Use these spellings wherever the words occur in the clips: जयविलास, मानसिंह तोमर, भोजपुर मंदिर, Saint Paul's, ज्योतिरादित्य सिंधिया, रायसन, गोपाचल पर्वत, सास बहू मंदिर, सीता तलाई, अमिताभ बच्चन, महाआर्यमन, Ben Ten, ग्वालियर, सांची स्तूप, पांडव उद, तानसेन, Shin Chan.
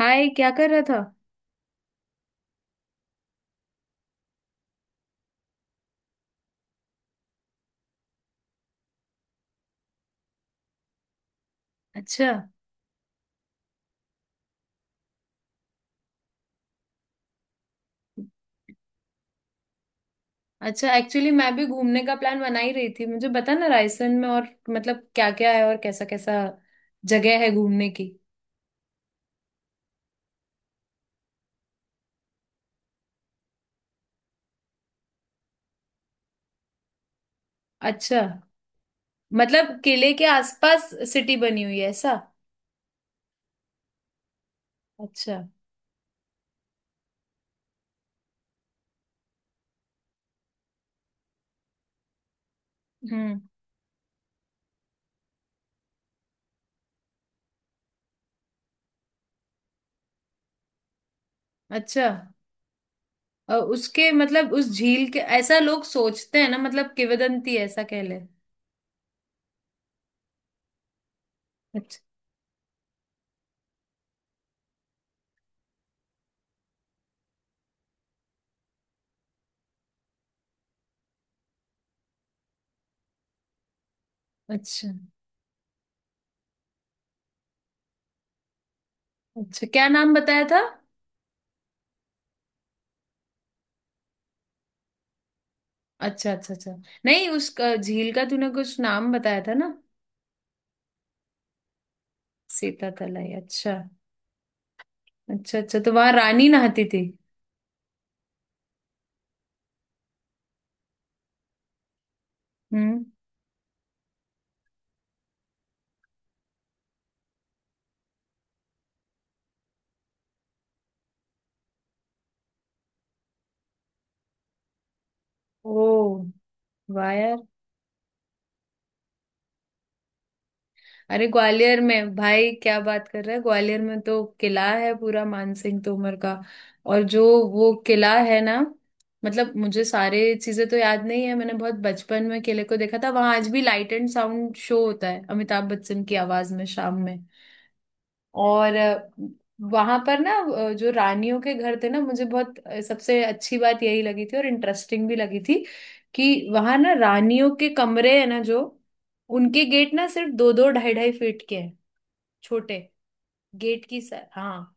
हाय, क्या कर रहा था? अच्छा, अच्छा। एक्चुअली मैं भी घूमने का प्लान बना ही रही थी। मुझे बता ना, रायसन में और मतलब क्या क्या है और कैसा कैसा जगह है घूमने की। अच्छा। मतलब किले के आसपास सिटी बनी हुई है ऐसा? अच्छा। हम्म। अच्छा। उसके मतलब उस झील के ऐसा लोग सोचते हैं ना, मतलब किंवदंती है, ऐसा कह ले। अच्छा, अच्छा, अच्छा। क्या नाम बताया था? अच्छा, अच्छा, अच्छा। नहीं, उस झील का तूने कुछ नाम बताया था ना। सीता तलाई। अच्छा अच्छा, अच्छा। तो वहां रानी नहाती थी। हम्म। ओ, वाह यार। अरे, ग्वालियर में? भाई, क्या बात कर रहा है, ग्वालियर में तो किला है पूरा मानसिंह तोमर का। और जो वो किला है ना, मतलब मुझे सारे चीजें तो याद नहीं है, मैंने बहुत बचपन में किले को देखा था। वहां आज भी लाइट एंड साउंड शो होता है अमिताभ बच्चन की आवाज में, शाम में। और वहां पर ना जो रानियों के घर थे ना, मुझे बहुत सबसे अच्छी बात यही लगी थी और इंटरेस्टिंग भी लगी थी कि वहां ना रानियों के कमरे है ना, जो उनके गेट ना सिर्फ दो दो ढाई ढाई फीट के हैं, छोटे। गेट की सा- हाँ,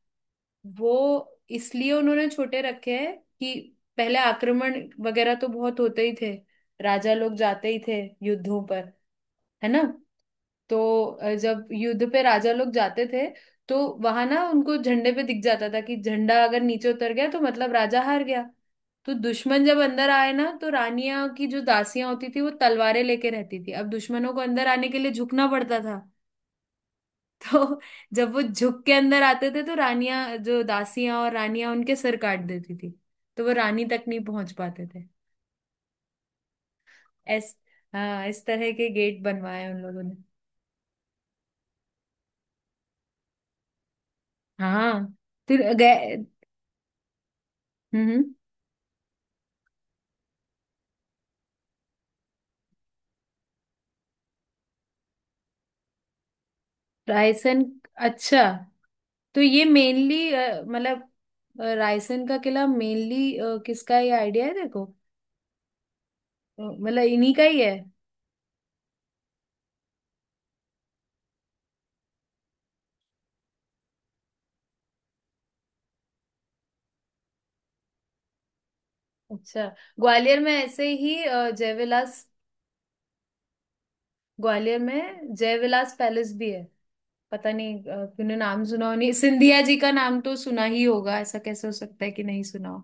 वो इसलिए उन्होंने छोटे रखे हैं कि पहले आक्रमण वगैरह तो बहुत होते ही थे, राजा लोग जाते ही थे युद्धों पर, है ना। तो जब युद्ध पे राजा लोग जाते थे, तो वहां ना उनको झंडे पे दिख जाता था कि झंडा अगर नीचे उतर गया तो मतलब राजा हार गया। तो दुश्मन जब अंदर आए ना, तो रानियां की जो दासियां होती थी वो तलवारें लेके रहती थी। अब दुश्मनों को अंदर आने के लिए झुकना पड़ता था तो जब वो झुक के अंदर आते थे, तो रानियां, जो दासियां और रानियां, उनके सिर काट देती थी। तो वो रानी तक नहीं पहुंच पाते थे। ऐस, हाँ, इस तरह के गेट बनवाए उन लोगों ने। हाँ तो गए। हम्म, रायसेन। अच्छा, तो ये मेनली मतलब रायसेन का किला मेनली किसका, ये आइडिया है देखो, मतलब इन्हीं का ही है। अच्छा। ग्वालियर में ऐसे ही जयविलास, ग्वालियर में जयविलास पैलेस भी है। पता नहीं, तूने नाम सुना हो नहीं, सिंधिया जी का नाम तो सुना ही होगा, ऐसा कैसे हो सकता है कि नहीं सुना हो।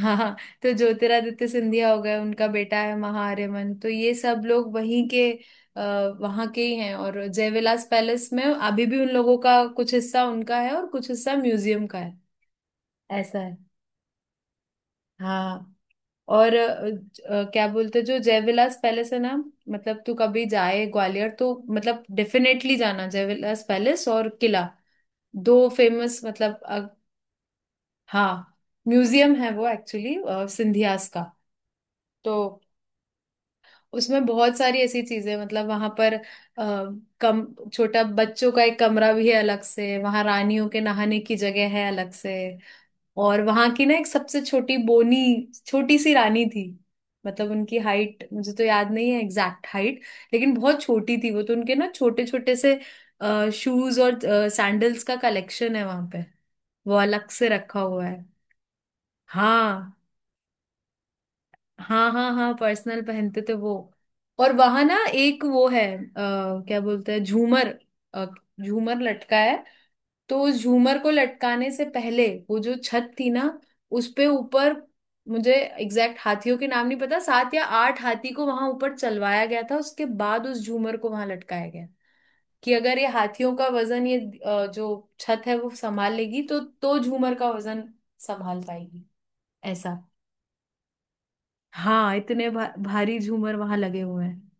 हाँ, तो ज्योतिरादित्य सिंधिया हो गए, उनका बेटा है महाआर्यमन, तो ये सब लोग वहीं के, आ, वहां के ही हैं। और जयविलास पैलेस में अभी भी उन लोगों का कुछ हिस्सा उनका है और कुछ हिस्सा म्यूजियम का है, ऐसा है। हाँ और ज- क्या बोलते हैं, जो जयविलास पैलेस है ना, मतलब तू कभी जाए ग्वालियर तो मतलब डेफिनेटली जाना जयविलास पैलेस और किला, दो फेमस मतलब हाँ म्यूजियम है वो एक्चुअली, सिंधियास का। तो उसमें बहुत सारी ऐसी चीजें, मतलब वहां पर आ, कम, छोटा बच्चों का एक कमरा भी है अलग से, वहां रानियों के नहाने की जगह है अलग से। और वहां की ना एक सबसे छोटी, बोनी, छोटी सी रानी थी। मतलब उनकी हाइट मुझे तो याद नहीं है, एग्जैक्ट हाइट, लेकिन बहुत छोटी थी वो। तो उनके ना छोटे छोटे से शूज और सैंडल्स का कलेक्शन है वहां पे, वो अलग से रखा हुआ है। हाँ, हाँ, हाँ, हाँ, पर्सनल पहनते थे वो। और वहां ना एक वो है आ, क्या बोलते हैं, झूमर, अ, झूमर लटका है। तो उस झूमर को लटकाने से पहले वो जो छत थी ना, उस पे ऊपर, मुझे एग्जैक्ट हाथियों के नाम नहीं पता, सात या आठ हाथी को वहां ऊपर चलवाया गया था, उसके बाद उस झूमर को वहां लटकाया गया। कि अगर ये हाथियों का वजन ये जो छत है वो संभाल लेगी तो झूमर का वजन संभाल पाएगी, ऐसा। हाँ, इतने भा, भारी झूमर वहां लगे हुए हैं।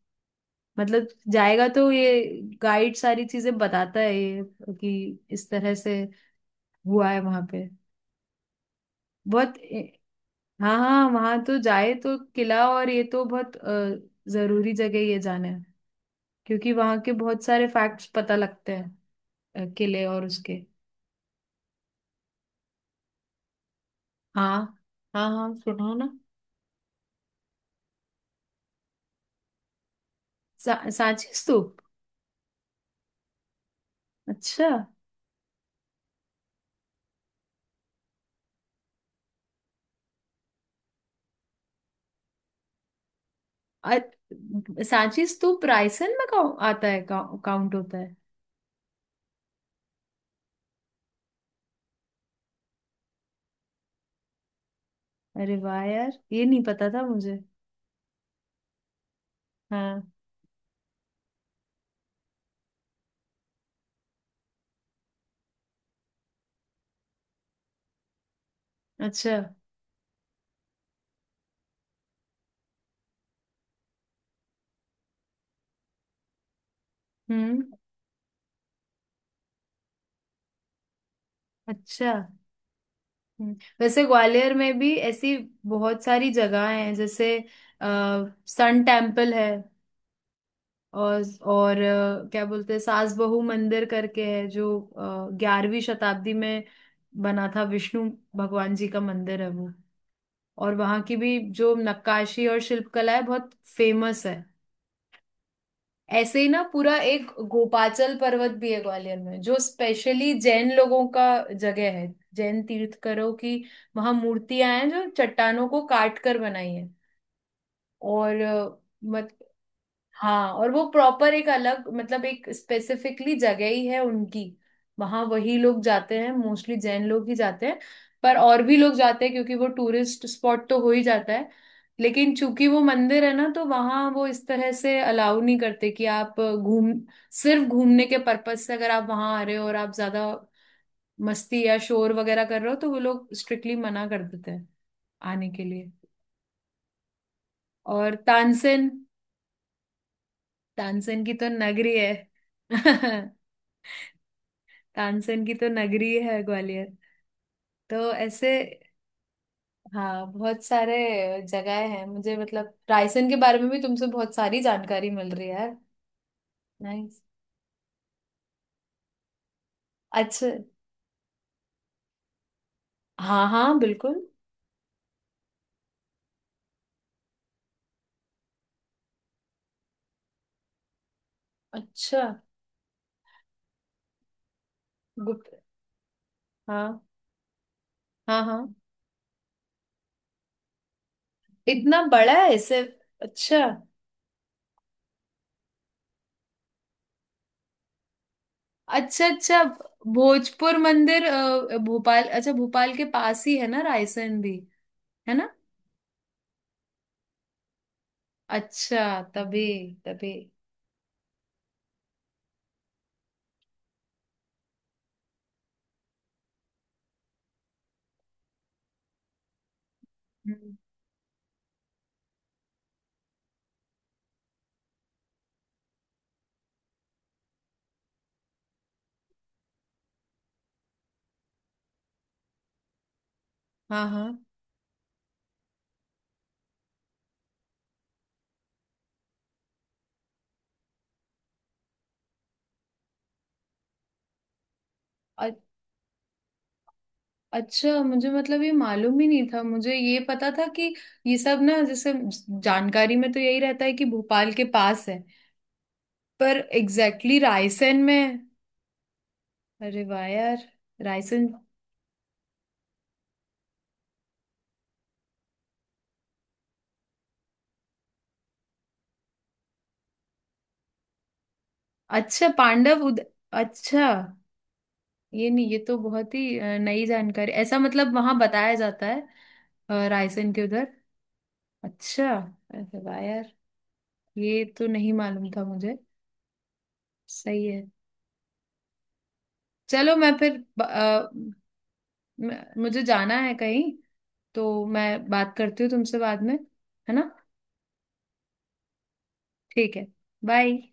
मतलब जाएगा तो ये गाइड सारी चीजें बताता है ये, कि इस तरह से हुआ है वहां पे। बहुत, हाँ, हाँ, वहां तो जाए तो किला और ये तो बहुत जरूरी जगह ये जाना है, क्योंकि वहां के बहुत सारे फैक्ट्स पता लगते हैं, किले और उसके। हाँ, हाँ, हाँ सुनाओ ना। सा, सांची स्तूप? अच्छा। अ- सांची स्तूप रायसेन में काउ- आता है, काउ- काउंट होता है? अरे वाह यार, ये नहीं पता था मुझे। हाँ। अच्छा। हम्म। अच्छा। हम्म। वैसे ग्वालियर में भी ऐसी बहुत सारी जगह हैं जैसे आ, सन टेम्पल है। और और क्या बोलते हैं, सास बहू मंदिर करके है, जो ग्यारहवीं शताब्दी में बना था। विष्णु भगवान जी का मंदिर है वो। और वहाँ की भी जो नक्काशी और शिल्पकला है बहुत फेमस है। ऐसे ही ना, पूरा एक गोपाचल पर्वत भी है ग्वालियर में, जो स्पेशली जैन लोगों का जगह है, जैन तीर्थकरों की। वहां मूर्तियां हैं जो चट्टानों को काट कर बनाई है। और अ, हाँ, और वो प्रॉपर एक अलग मतलब एक स्पेसिफिकली जगह ही है उनकी। वहां वही लोग जाते हैं, मोस्टली जैन लोग ही जाते हैं। पर और भी लोग जाते हैं क्योंकि वो टूरिस्ट स्पॉट तो हो ही जाता है। लेकिन चूंकि वो मंदिर है ना, तो वहां वो इस तरह से अलाउ नहीं करते कि आप घूम, सिर्फ घूमने के पर्पज से अगर आप वहां आ रहे हो, और आप ज्यादा मस्ती या शोर वगैरह कर रहे हो, तो वो लोग स्ट्रिक्टली मना कर देते हैं आने के लिए। और तानसेन, तानसेन की तो नगरी है तानसेन की तो नगरी है ग्वालियर। तो ऐसे, हाँ, बहुत सारे जगह हैं। मुझे मतलब रायसेन के बारे में भी तुमसे बहुत सारी जानकारी मिल रही है यार। नाइस। अच्छा। हाँ, हाँ, बिल्कुल। अच्छा। गुप्त। हाँ, हाँ, हाँ, इतना बड़ा है इसे? अच्छा, अच्छा, अच्छा। भोजपुर मंदिर भोपाल, अच्छा भोपाल के पास ही है ना रायसेन भी, है ना। अच्छा तभी, तभी। हम्म, हाँ, हाँ। अच्छा, मुझे मतलब ये मालूम ही नहीं था। मुझे ये पता था कि ये सब ना, जैसे जानकारी में तो यही रहता है कि भोपाल के पास है, पर एग्जैक्टली exactly रायसेन में। अरे वाह यार। रायसेन। अच्छा, पांडव उद, अच्छा, ये नहीं, ये तो बहुत ही नई जानकारी, ऐसा मतलब वहां बताया जाता है रायसेन के उधर? अच्छा। अरे वाह यार, ये तो नहीं मालूम था मुझे। सही है। चलो, मैं फिर ब- म- मुझे जाना है कहीं, तो मैं बात करती हूँ तुमसे बाद में, है ना। ठीक है। बाय।